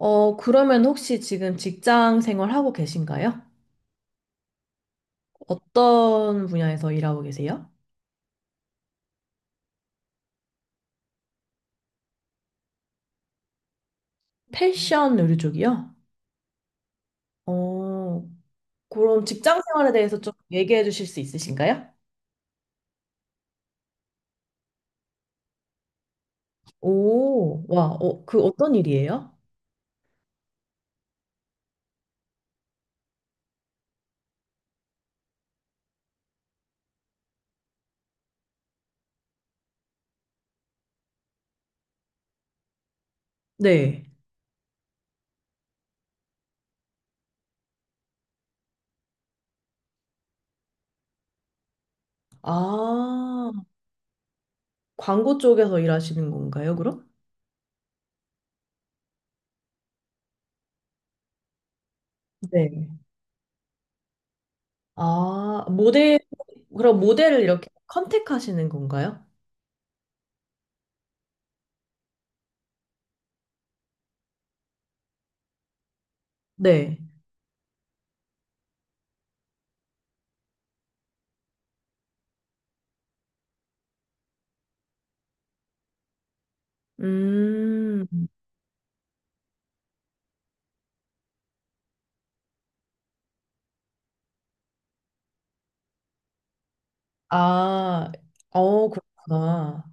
어, 그러면 혹시 지금 직장 생활하고 계신가요? 어떤 분야에서 일하고 계세요? 패션 의류 쪽이요? 어, 그럼 직장 생활에 대해서 좀 얘기해 주실 수 있으신가요? 오, 와, 어, 그 어떤 일이에요? 네. 아, 광고 쪽에서 일하시는 건가요, 그럼? 네. 아, 모델, 그럼 모델을 이렇게 컨택하시는 건가요? 네. 음, 아, 어, 그렇구나.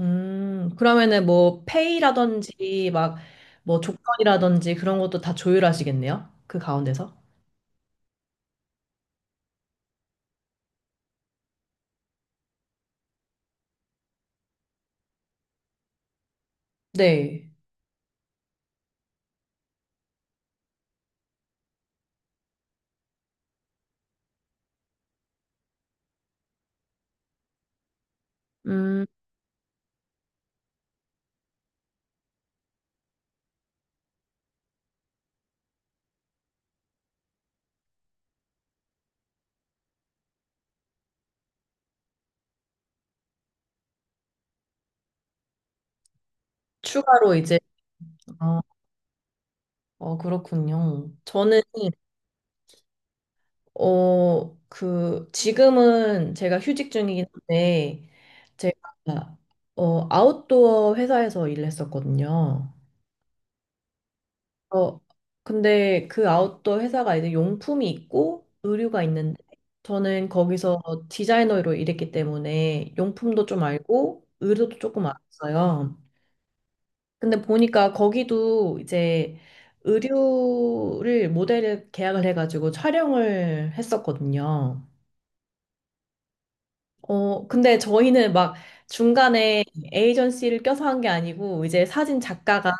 그러면은 뭐 페이라든지 막 뭐 조건이라든지 그런 것도 다 조율하시겠네요. 그 가운데서. 네. 음, 추가로 이제 어, 어 그렇군요. 저는 어 그 지금은 제가 휴직 중이긴 한데 제가 어 아웃도어 회사에서 일했었거든요. 어, 근데 그 아웃도어 회사가 이제 용품이 있고 의류가 있는데 저는 거기서 디자이너로 일했기 때문에 용품도 좀 알고 의류도 조금 알았어요. 근데 보니까 거기도 이제 의류를 모델을 계약을 해가지고 촬영을 했었거든요. 어, 근데 저희는 막 중간에 에이전시를 껴서 한 게 아니고 이제 사진 작가가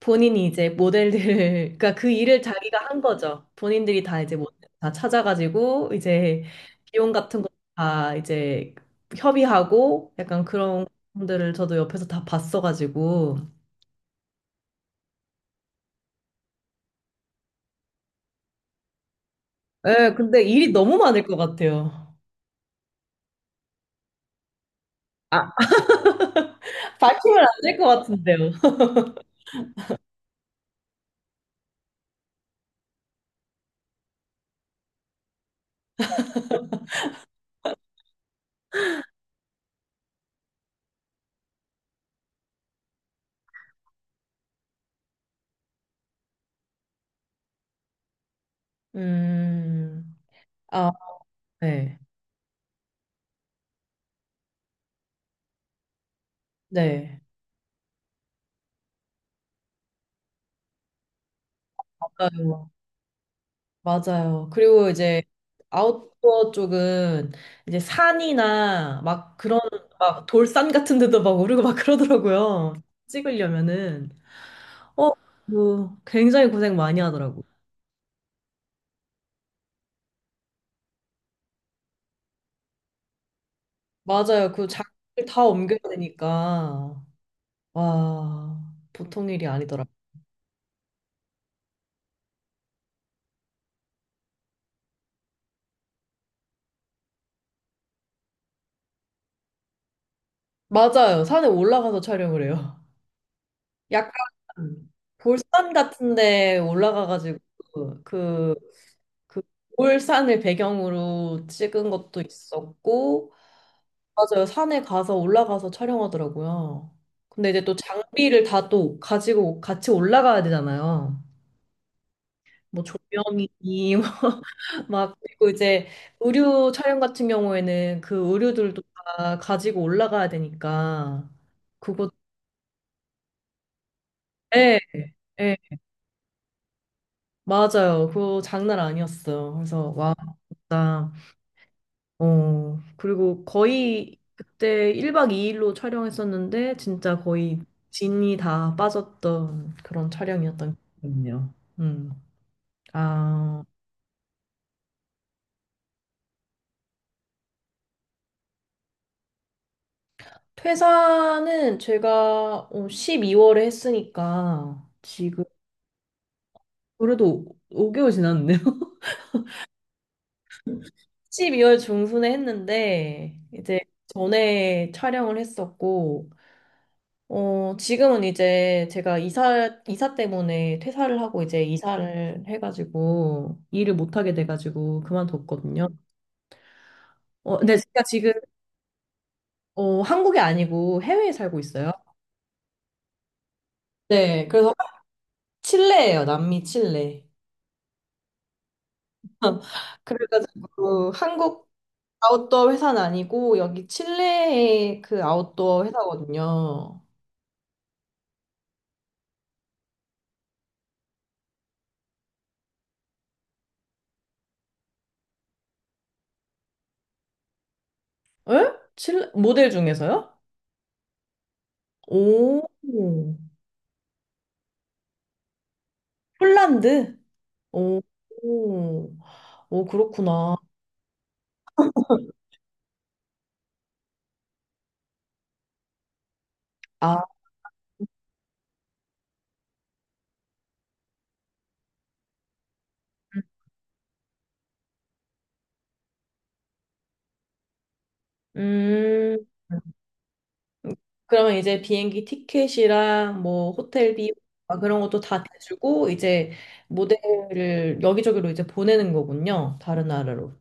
본인이 이제 모델들, 그러니까 그 일을 자기가 한 거죠. 본인들이 다 이제 모델 다 찾아가지고 이제 비용 같은 거 다 이제 협의하고 약간 그런 분들을 저도 옆에서 다 봤어가지고. 예, 근데 일이 너무 많을 것 같아요. 아, 밝히면 안 될 것 같은데요. 음, 아, 네, 네. 맞아요, 맞아요. 그리고 이제 아웃도어 쪽은 이제 산이나 막 그런 막 돌산 같은 데도 막 오르고 막 그러더라고요. 찍으려면은 어, 뭐 굉장히 고생 많이 하더라고. 맞아요. 그 장비를 다 옮겨야 되니까 와, 보통 일이 아니더라. 맞아요. 산에 올라가서 촬영을 해요. 약간 볼산 같은 데 올라가 가지고 그 그 올산을 배경으로 찍은 것도 있었고, 맞아요. 산에 가서 올라가서 촬영하더라고요. 근데 이제 또 장비를 다 또 가지고 같이 올라가야 되잖아요. 뭐 조명이 막 그리고 이제 의류 촬영 같은 경우에는 그 의류들도 다 가지고 올라가야 되니까 그거 예, 예, 맞아요. 그거 장난 아니었어요. 그래서 와, 진짜. 어, 그리고 거의 그때 1박 2일로 촬영했었는데, 진짜 거의 진이 다 빠졌던 그런 촬영이었던 기억이네요. 음. 아, 퇴사는 제가 12월에 했으니까, 지금, 그래도 5개월 지났네요. 12월 중순에 했는데, 이제 전에 촬영을 했었고, 어, 지금은 이제 제가 이사 때문에 퇴사를 하고 이제 이사를 해가지고 일을 못하게 돼가지고 그만뒀거든요. 어, 근데 제가 지금, 어, 한국이 아니고 해외에 살고 있어요. 네, 그래서 칠레예요. 남미 칠레. 그래가지고 한국 아웃도어 회사는 아니고 여기 칠레의 그 아웃도어 회사거든요. 에? 칠레 모델 중에서요? 오, 폴란드? 오, 오, 그렇구나. 아, 음. 그러면 이제 비행기 티켓이랑 뭐 호텔비 막 그런 것도 다 대주고 이제 모델을 여기저기로 이제 보내는 거군요. 다른 나라로.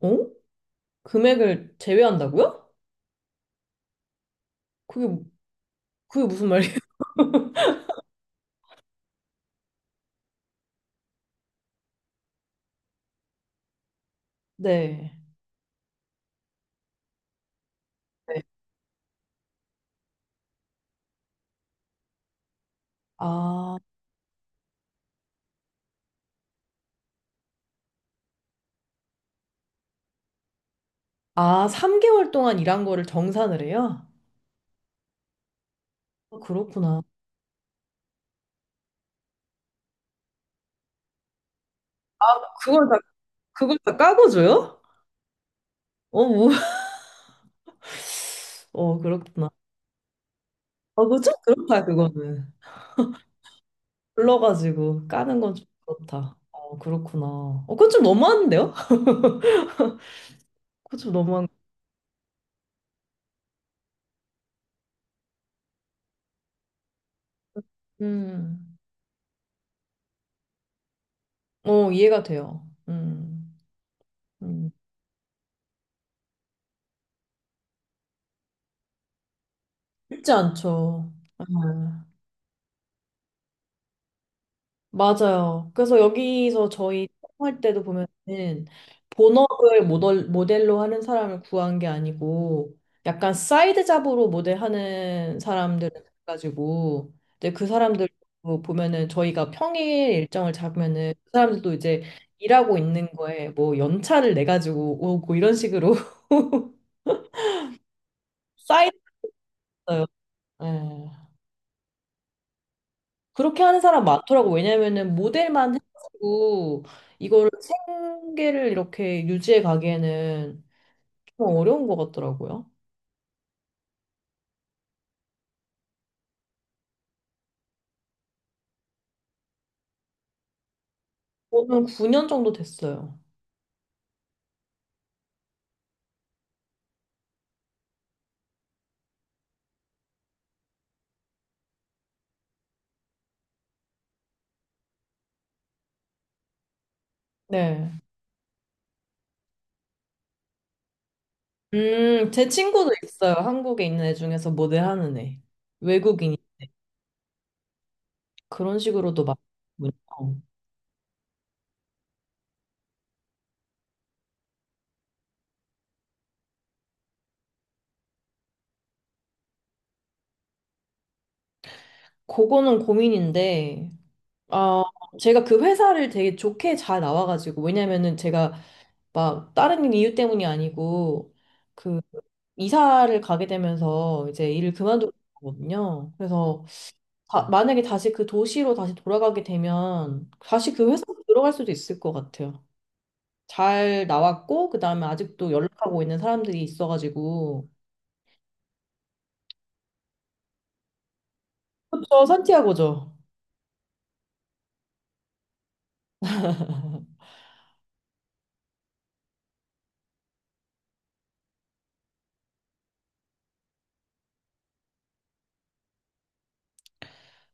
어? 금액을 제외한다고요? 그게 그게 무슨 말이에요? 네. 네. 아, 아, 3개월 동안 일한 거를 정산을 해요? 아 그렇구나. 그걸 다 그걸 다 까고 줘요? 어, 뭐. 어, 그렇구나. 어, 그거 좀 그렇다 그거는. 불러가지고 까는 건 좀 그렇다. 어, 그렇구나. 어, 그건 좀 너무한데요? 그건 좀 너무한. 음, 어, 이해가 돼요. 음. 쉽지 않죠. 음. 맞아요. 그래서 여기서 저희 할 때도 보면은 본업을 모델로 하는 사람을 구한 게 아니고 약간 사이드 잡으로 모델하는 사람들을 가지고 이제 그 사람들 도 보면은 저희가 평일 일정을 잡으면은 그 사람들도 이제 일하고 있는 거에 뭐 연차를 내 가지고 오고 이런 식으로 쌓였어요. 그렇게 하는 사람 많더라고. 왜냐면은 모델만 해가지고 이거를 생계를 이렇게 유지해 가기에는 좀 어려운 것 같더라고요. 저는 9년 정도 됐어요. 네. 제 친구도 있어요. 한국에 있는 애 중에서 모델 하는 애. 외국인이. 그런 식으로도 많군요. 그거는 고민인데, 아, 제가 그 회사를 되게 좋게 잘 나와가지고, 왜냐면은 제가 막 다른 이유 때문이 아니고 그 이사를 가게 되면서 이제 일을 그만두게 되거든요. 그래서 만약에 다시 그 도시로 다시 돌아가게 되면 다시 그 회사로 들어갈 수도 있을 것 같아요. 잘 나왔고 그다음에 아직도 연락하고 있는 사람들이 있어가지고 그렇죠 산티아고죠.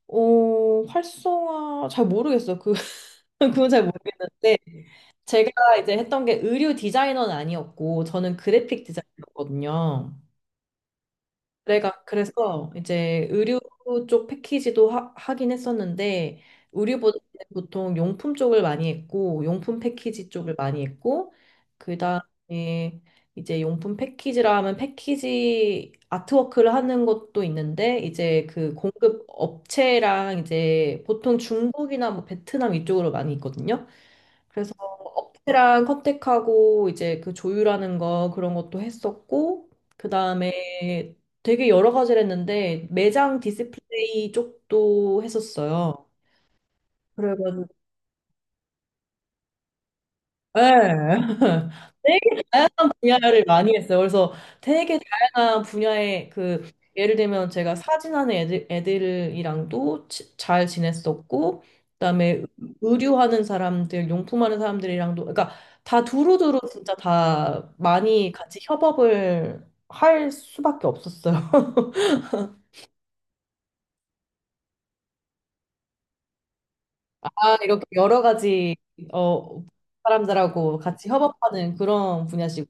어 활성화 잘 모르겠어요. 그 그건 잘 모르겠는데 제가 이제 했던 게 의류 디자이너는 아니었고 저는 그래픽 디자이너거든요. 내가 그래서 이제 의류 쪽 패키지도 하긴 했었는데 의류보다 보통 용품 쪽을 많이 했고 용품 패키지 쪽을 많이 했고 그다음에 이제 용품 패키지라 하면 패키지 아트워크를 하는 것도 있는데 이제 그 공급 업체랑 이제 보통 중국이나 뭐 베트남 이쪽으로 많이 있거든요. 그래서 업체랑 컨택하고 이제 그 조율하는 거 그런 것도 했었고 그다음에 되게 여러 가지를 했는데 매장 디스플레이 쪽도 했었어요. 그래가지고 네. 되게 분야를 많이 했어요. 그래서 되게 다양한 분야의 그 예를 들면 제가 사진하는 애들, 애들이랑도 잘 지냈었고 그다음에 의류하는 사람들, 용품하는 사람들이랑도 그러니까 다 두루두루 진짜 다 많이 같이 협업을 할 수밖에 없었어요. 아, 이렇게 여러 가지 어, 사람들하고 같이 협업하는 그런 분야시군요.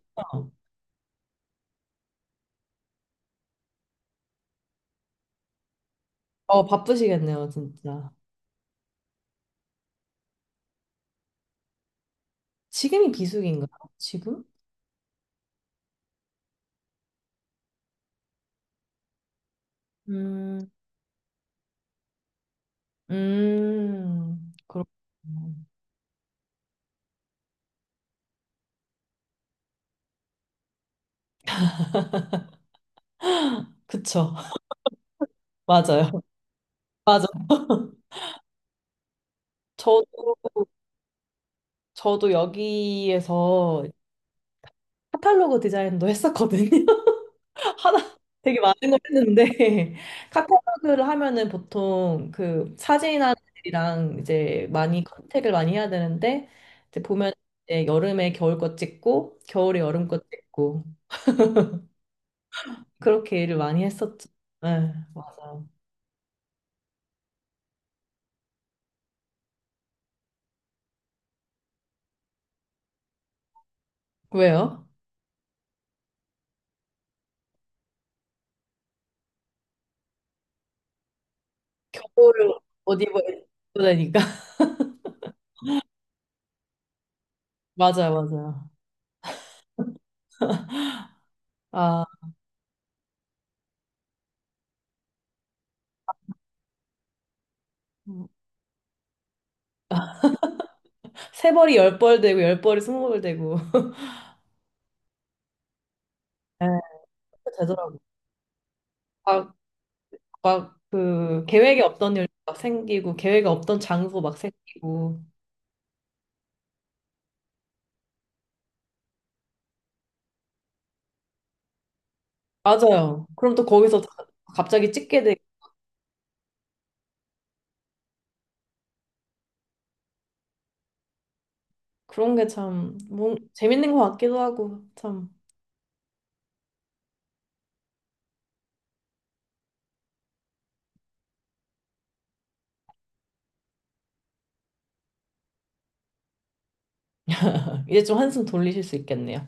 어, 바쁘시겠네요, 진짜. 지금이 비수기인가요? 지금? 음, 그렇군요. 그쵸. 맞아요. 맞아. 저도, 저도 여기에서 카탈로그 디자인도 했었거든요. 하나 되게 많은 걸 했는데 카탈로그를 하면은 보통 그 사진이랑 이제 많이 컨택을 많이 해야 되는데 이제 보면 이제 여름에 겨울 것 찍고 겨울에 여름 것 찍고 그렇게 일을 많이 했었죠. 네, 맞아요. 왜요? 겨울 옷 입어 입으니까 맞아요, 맞아요. 아, 세 벌이 열벌 되고 열 벌이 스무 벌 되고 네, 되더라고. 요 막 그 계획에 없던 일 막 생기고 계획에 없던 장소 막 생기고 맞아요. 그럼 또 거기서 갑자기 찍게 돼 그런 게 참 뭔 재밌는 것 같기도 하고 참 이제 좀 한숨 돌리실 수 있겠네요.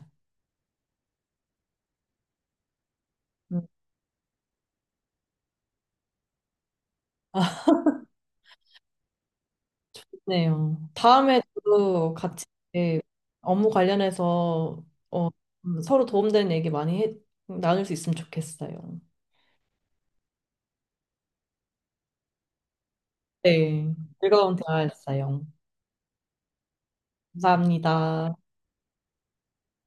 음. 아, 네요. 다음에 또 같이 이렇게 업무 관련해서 어, 서로 도움되는 얘기 많이 해, 나눌 수 있으면 좋겠어요. 네, 즐거운 대화였어요. 감사합니다.